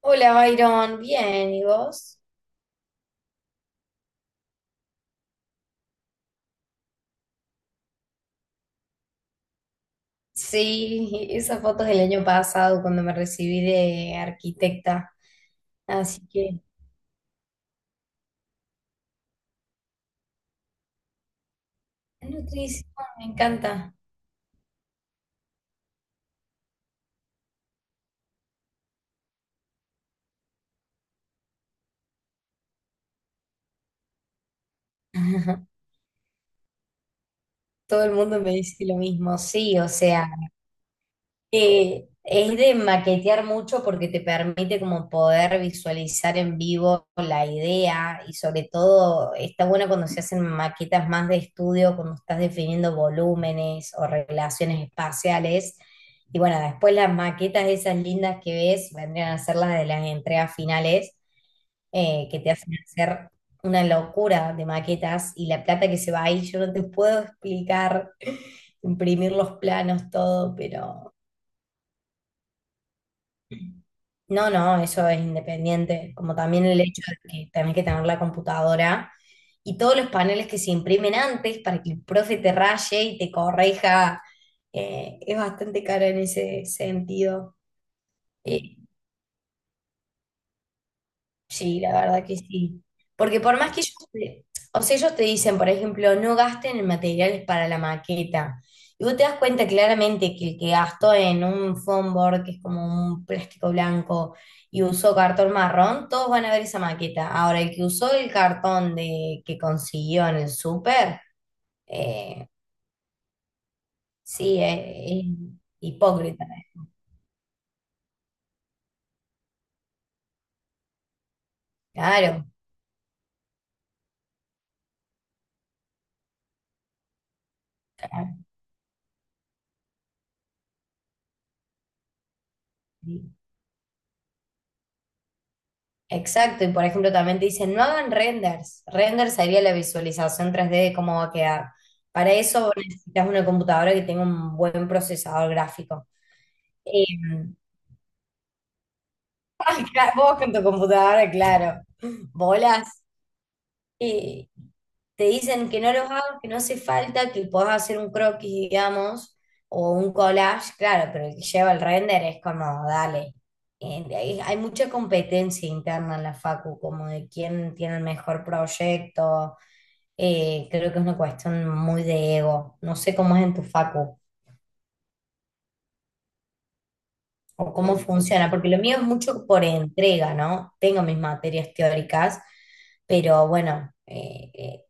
Hola, Byron. Bien, ¿y vos? Sí, esa foto es del año pasado cuando me recibí de arquitecta. Así que, nutrísimo, me encanta. Todo el mundo me dice lo mismo. Sí, o sea. Es de maquetear mucho porque te permite como poder visualizar en vivo la idea y sobre todo está bueno cuando se hacen maquetas más de estudio, cuando estás definiendo volúmenes o relaciones espaciales. Y bueno, después las maquetas esas lindas que ves vendrían a ser las de las entregas finales, que te hacen hacer una locura de maquetas y la plata que se va ahí, yo no te puedo explicar, imprimir los planos, todo, pero... No, no, eso es independiente, como también el hecho de que tenés que tener la computadora y todos los paneles que se imprimen antes para que el profe te raye y te corrija, es bastante caro en ese sentido. Eh, Sí, la verdad que sí. Porque por más que ellos te, o sea, ellos te dicen, por ejemplo, no gasten en materiales para la maqueta. Y vos te das cuenta claramente que el que gastó en un foam board, que es como un plástico blanco, y usó cartón marrón, todos van a ver esa maqueta. Ahora, el que usó el cartón de, que consiguió en el súper, eh, sí, es hipócrita. Claro, claro. Sí. Exacto, y por ejemplo también te dicen, no hagan renders. Render sería la visualización tres d de cómo va a quedar. Para eso necesitas una computadora que tenga un buen procesador gráfico. Eh, vos con tu computadora, claro. Bolas. Y te dicen que no los hagas, que no hace falta, que podés hacer un croquis, digamos, o un collage, claro, pero el que lleva el render es como, dale. Hay mucha competencia interna en la Facu, como de quién tiene el mejor proyecto. Creo que es una cuestión muy de ego. No sé cómo es en tu Facu. O cómo funciona, porque lo mío es mucho por entrega, ¿no? Tengo mis materias teóricas, pero bueno,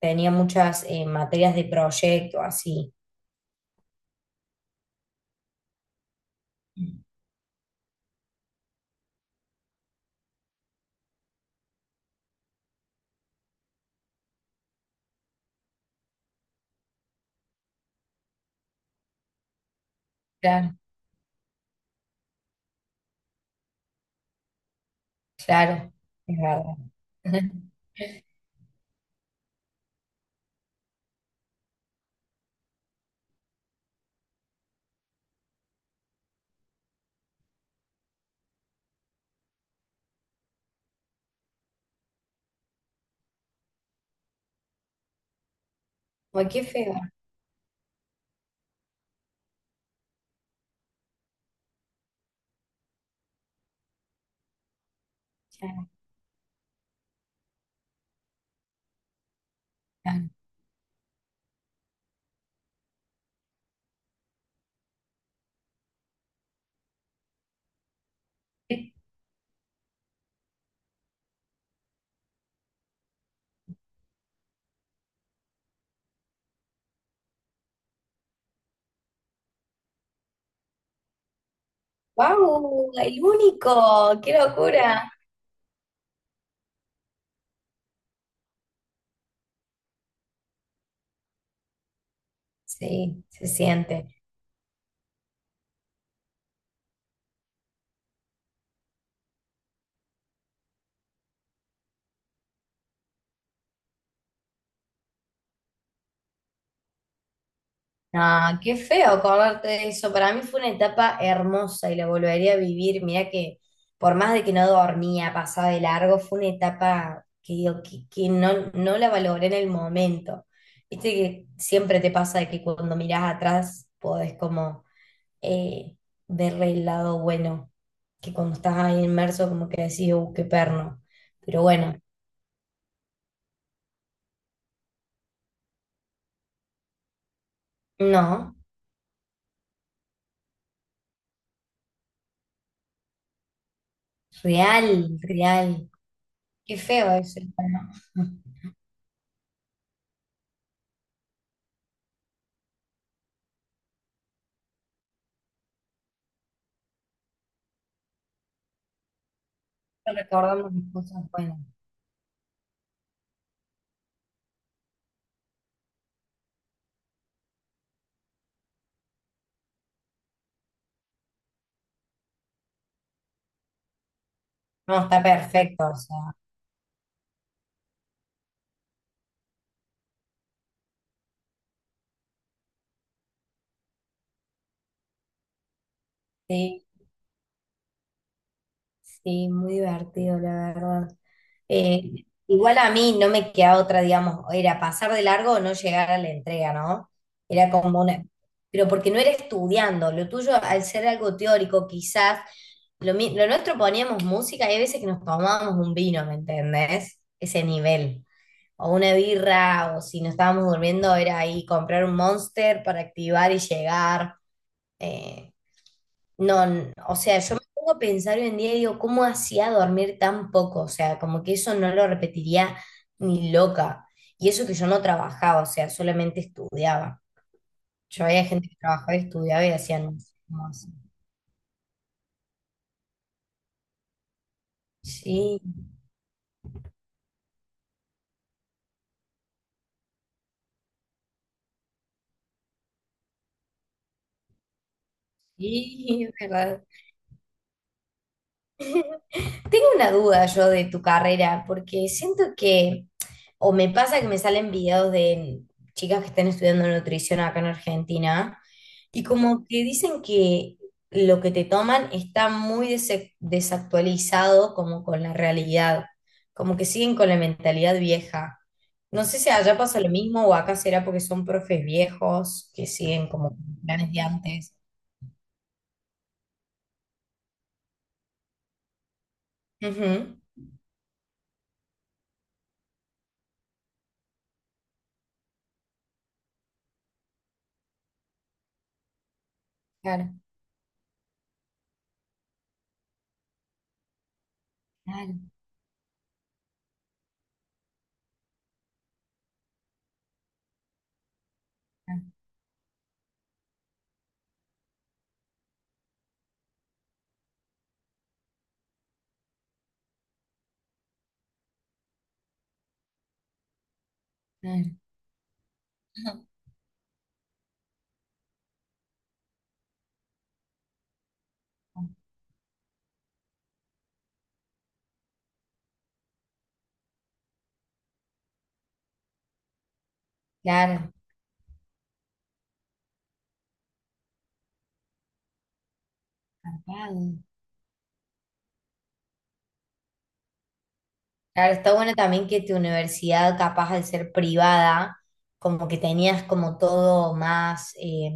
tenía muchas materias de proyecto, así. Claro, claro, es verdad. Ay, qué feo. Claro, claro. ¡Guau! El único, qué locura. Sí, se siente. Ah, qué feo acordarte de eso. Para mí fue una etapa hermosa y la volvería a vivir. Mirá que por más de que no dormía, pasaba de largo, fue una etapa que digo, que no, no la valoré en el momento. Viste que siempre te pasa de que cuando mirás atrás podés como eh, ver el lado bueno, que cuando estás ahí inmerso como que decís, qué perno. Pero bueno, no, real, real. Qué feo eso. Hermano. Recordamos las cosas buenas. No, está perfecto, o sea, sí, sí, muy divertido, la verdad. Eh, Igual a mí no me quedaba otra, digamos, era pasar de largo o no llegar a la entrega, ¿no? Era como una... Pero porque no era estudiando, lo tuyo al ser algo teórico, quizás, lo, lo nuestro poníamos música y hay veces que nos tomábamos un vino, ¿me entendés? Ese nivel. O una birra, o si nos estábamos durmiendo, era ahí comprar un Monster para activar y llegar. Eh, no, o sea, yo me pongo a pensar hoy en día y digo, ¿cómo hacía dormir tan poco? O sea, como que eso no lo repetiría ni loca. Y eso que yo no trabajaba, o sea, solamente estudiaba. Yo había gente que trabajaba y estudiaba y hacían como así. Sí, sí, es verdad. Tengo una duda yo de tu carrera, porque siento que, o me pasa que me salen videos de chicas que están estudiando nutrición acá en Argentina. Y como que dicen que lo que te toman está muy desactualizado como con la realidad, como que siguen con la mentalidad vieja. No sé si allá pasa lo mismo o acá será porque son profes viejos que siguen como con planes de antes. Ujú, claro, claro, claro, claro. Claro, tapado. Claro, está bueno también que tu universidad, capaz de ser privada, como que tenías como todo más,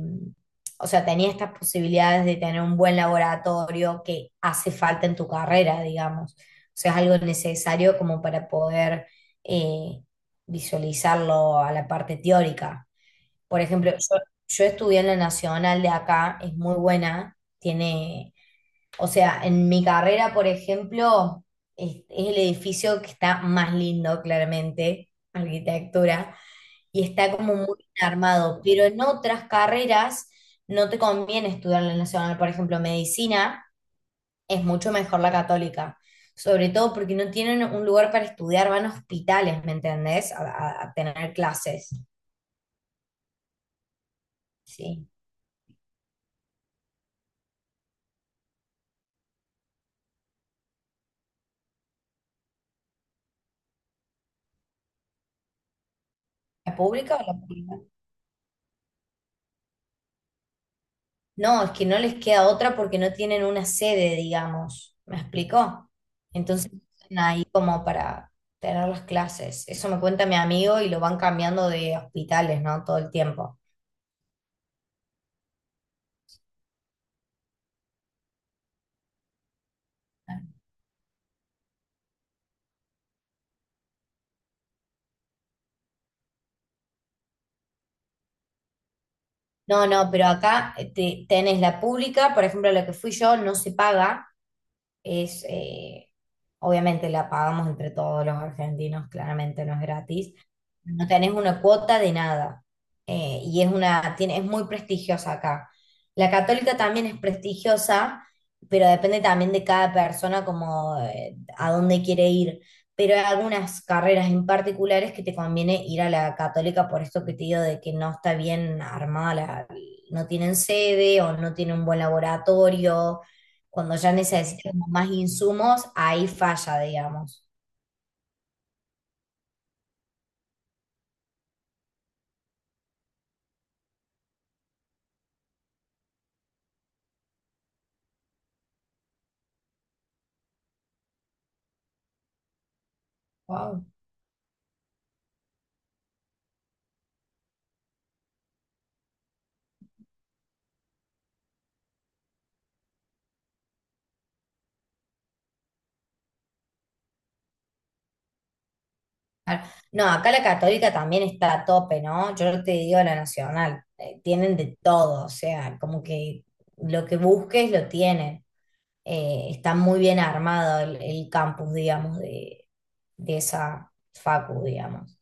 o sea, tenías estas posibilidades de tener un buen laboratorio que hace falta en tu carrera, digamos. O sea, es algo necesario como para poder eh, visualizarlo a la parte teórica. Por ejemplo, yo estudié en la Nacional de acá, es muy buena, tiene, o sea, en mi carrera, por ejemplo, es el edificio que está más lindo, claramente, arquitectura, y está como muy bien armado, pero en otras carreras no te conviene estudiar en la nacional, por ejemplo, medicina, es mucho mejor la católica, sobre todo porque no tienen un lugar para estudiar, van a hospitales, ¿me entendés? A, a tener clases, ¿sí? ¿La pública o la privada? No, es que no les queda otra porque no tienen una sede, digamos. ¿Me explicó? Entonces están ahí como para tener las clases. Eso me cuenta mi amigo y lo van cambiando de hospitales, ¿no? Todo el tiempo. No, no, pero acá tenés la pública, por ejemplo, la que fui yo no se paga, es, obviamente la pagamos entre todos los argentinos, claramente no es gratis, no tenés una cuota de nada, y es una, tiene, es muy prestigiosa acá. La católica también es prestigiosa, pero depende también de cada persona como a dónde quiere ir. Pero hay algunas carreras en particulares que te conviene ir a la católica por esto que te digo de que no está bien armada, no tienen sede o no tienen un buen laboratorio cuando ya necesitamos más insumos, ahí falla, digamos. Wow. Claro. No, acá la católica también está a tope, ¿no? Yo no te digo la nacional, tienen de todo, o sea, como que lo que busques lo tienen. Está muy bien armado el campus, digamos, de esa facu, digamos.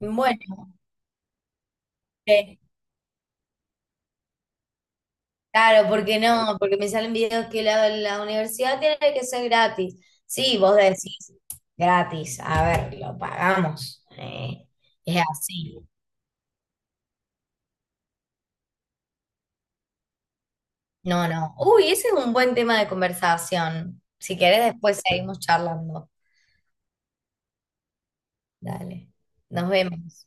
Bueno, eh, claro, porque no, porque me salen videos que la universidad tiene que ser gratis. Sí, vos decís, gratis, a ver, lo pagamos. Es así. No, no. Uy, ese es un buen tema de conversación. Si querés, después seguimos charlando. Dale, nos vemos.